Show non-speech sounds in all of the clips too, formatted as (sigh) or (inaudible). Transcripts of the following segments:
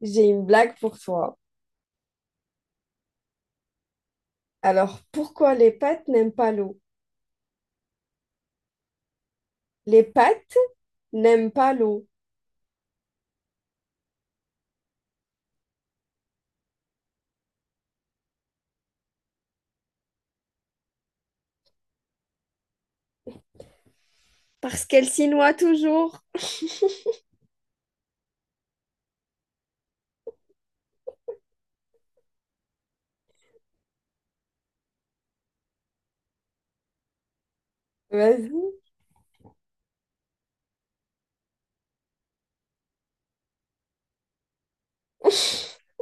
J'ai une blague pour toi. Alors, pourquoi les pattes n'aiment pas l'eau? Les pattes n'aiment pas l'eau. Parce qu'elle s'y noie toujours. Vas-y. (laughs)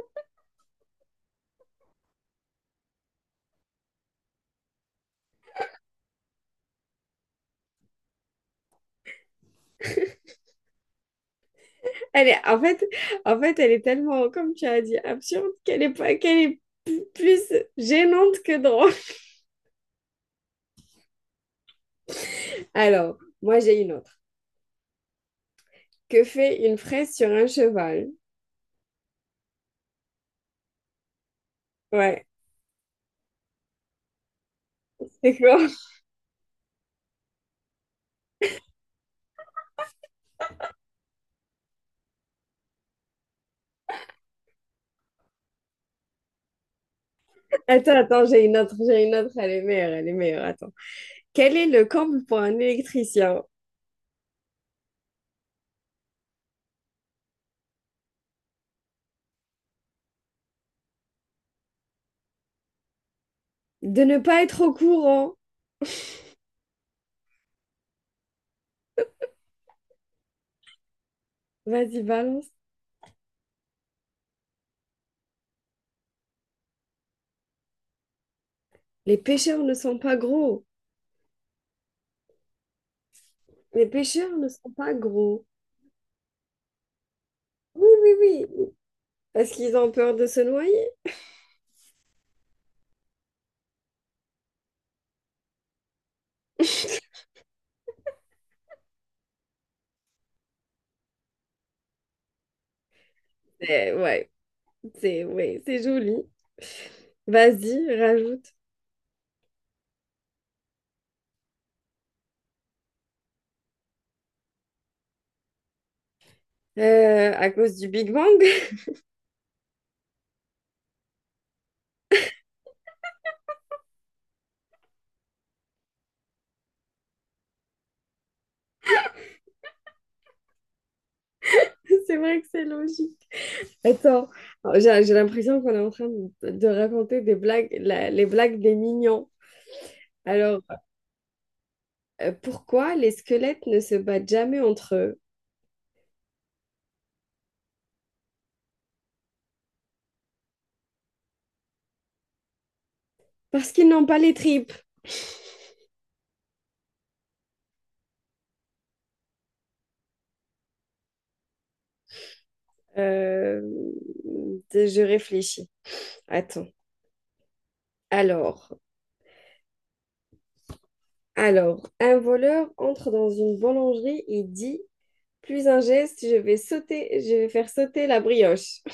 Elle est, en fait, elle est tellement, comme tu as dit, absurde qu'elle est pas, plus gênante que drôle. (laughs) Alors, moi, j'ai une autre. Que fait une fraise sur un cheval? Ouais. C'est quoi? (laughs) Attends, attends, j'ai une autre, j'ai une autre. Elle est meilleure, elle est meilleure. Attends. Quel est le comble pour un électricien? De ne pas être au courant. Vas-y, balance. Les pêcheurs ne sont pas gros. Les pêcheurs ne sont pas gros. Oui, oui, oui. Parce qu'ils ont peur de se noyer. Eh, ouais, c'est joli. Vas-y, rajoute. À cause du Big Bang. (laughs) C'est vrai que c'est logique. Attends, j'ai l'impression qu'on est en train de raconter des blagues, les blagues des mignons. Alors, pourquoi les squelettes ne se battent jamais entre eux? Parce qu'ils n'ont pas les tripes. Euh, je réfléchis. Attends. Alors, alors, un voleur entre dans une boulangerie et dit, plus un geste, je vais sauter, je vais faire sauter la brioche. (laughs)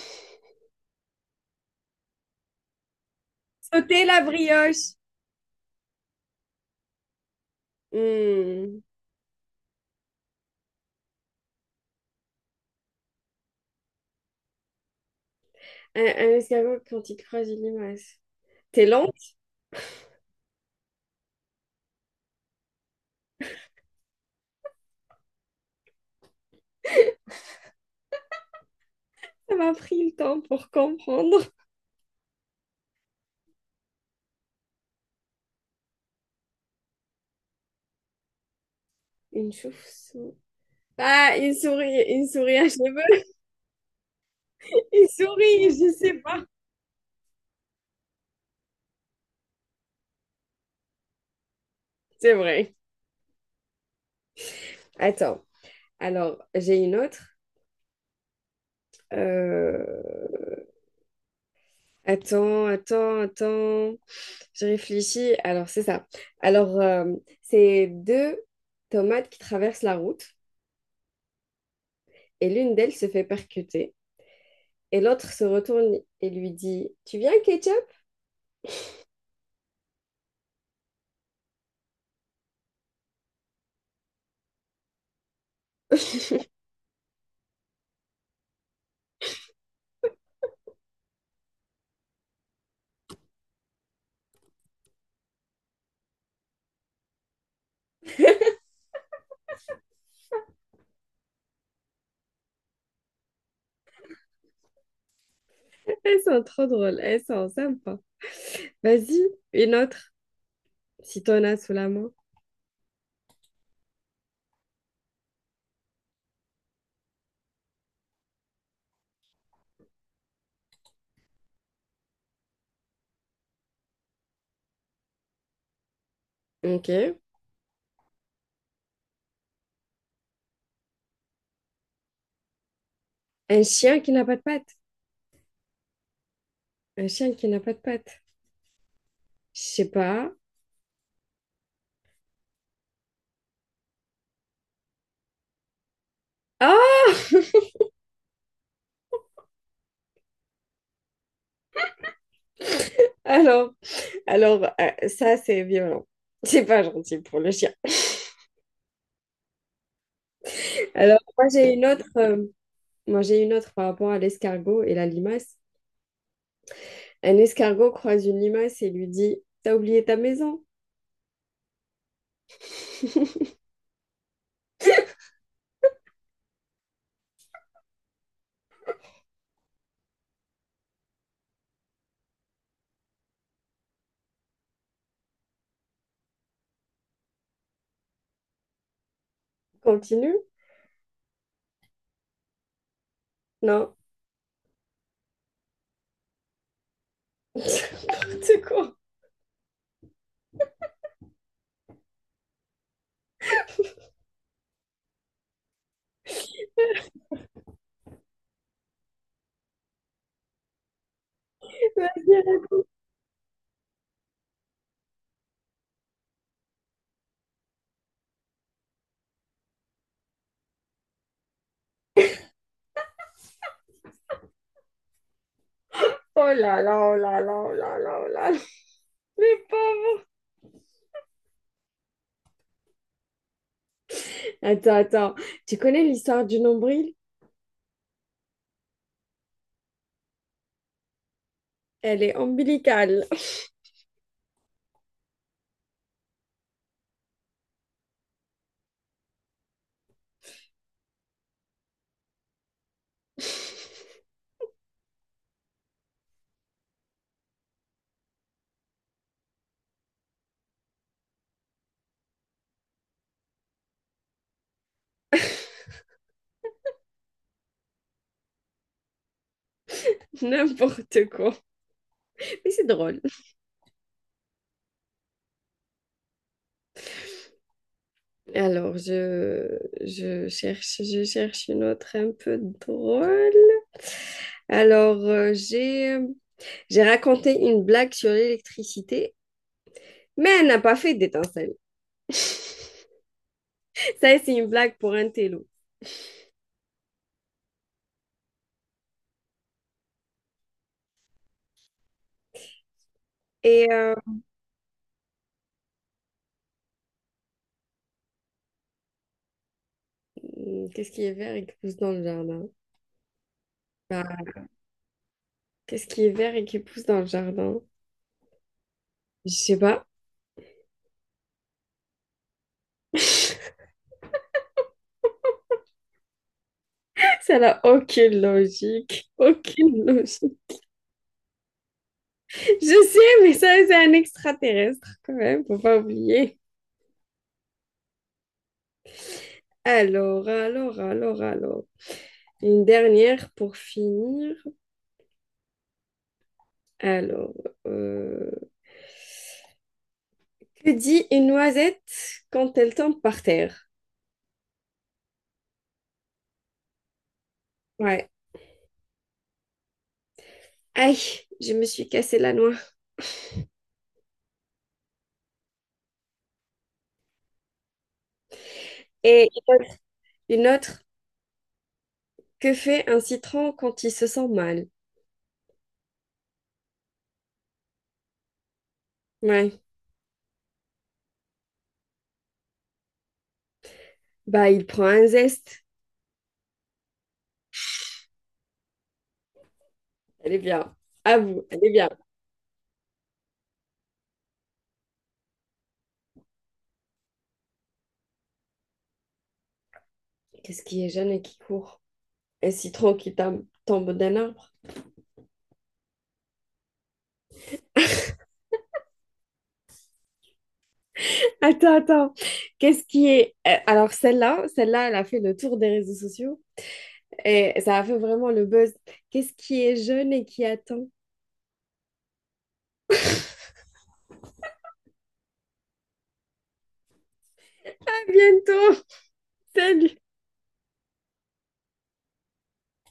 Sauter la brioche! Hmm. Un escargot quand il croise une limace. T'es lente, ça m'a pris le temps pour comprendre. Une chauve-souris. Ah, une souris à cheveux. (laughs) Une souris, je sais pas. C'est vrai. Attends. Alors, j'ai une autre. Euh, Attends, attends, attends. Je réfléchis. Alors, c'est ça. Alors, c'est deux tomates qui traversent la route, et l'une d'elles se fait percuter, et l'autre se retourne et lui dit, tu viens, ketchup? (laughs) Elles sont trop drôles. Elles sont sympas. Vas-y, une autre, si t'en as sous la main. Ok. Un chien qui n'a pas de pattes. Un chien qui n'a pas de pattes. Je sais pas. Ah! (laughs) Alors, ça, c'est violent. C'est pas gentil pour le chien. Alors, moi, j'ai une autre, moi, j'ai une autre par rapport à l'escargot et la limace. Un escargot croise une limace et lui dit, t'as oublié ta maison? Continue? Non. (laughs) N'importe quoi. Vas-y. Oh là là, oh là là, oh là là, oh là là. Mais pauvre. Attends, attends. Tu connais l'histoire du nombril? Elle est ombilicale. (laughs) N'importe quoi. Mais c'est drôle. Alors, je cherche une autre un peu drôle. Alors, j'ai raconté une blague sur l'électricité, mais elle n'a pas fait d'étincelle. (laughs) Ça, c'est une blague pour un télo. Et qu'est-ce qui est vert et qui pousse dans le jardin? Bah, qu'est-ce qui est vert et qui pousse dans le jardin? Je sais pas. (laughs) Ça n'a aucune logique. Aucune logique. Je sais, mais ça, c'est un extraterrestre quand même, faut pas oublier. Alors, alors. Une dernière pour finir. Alors, euh, que dit une noisette quand elle tombe par terre? Ouais. Aïe, je me suis cassé la noix. Et une autre, que fait un citron quand il se sent mal? Ouais. Bah, il prend un zeste. Elle est bien. À vous, elle est bien. Qu'est-ce qui est jeune et qui court? Un citron qui tombe d'un arbre. Attends, attends. Qu'est-ce qui est... alors, celle-là, celle-là, elle a fait le tour des réseaux sociaux. Et ça a fait vraiment le buzz. Qu'est-ce qui est jeune et qui attend? À bientôt! Salut!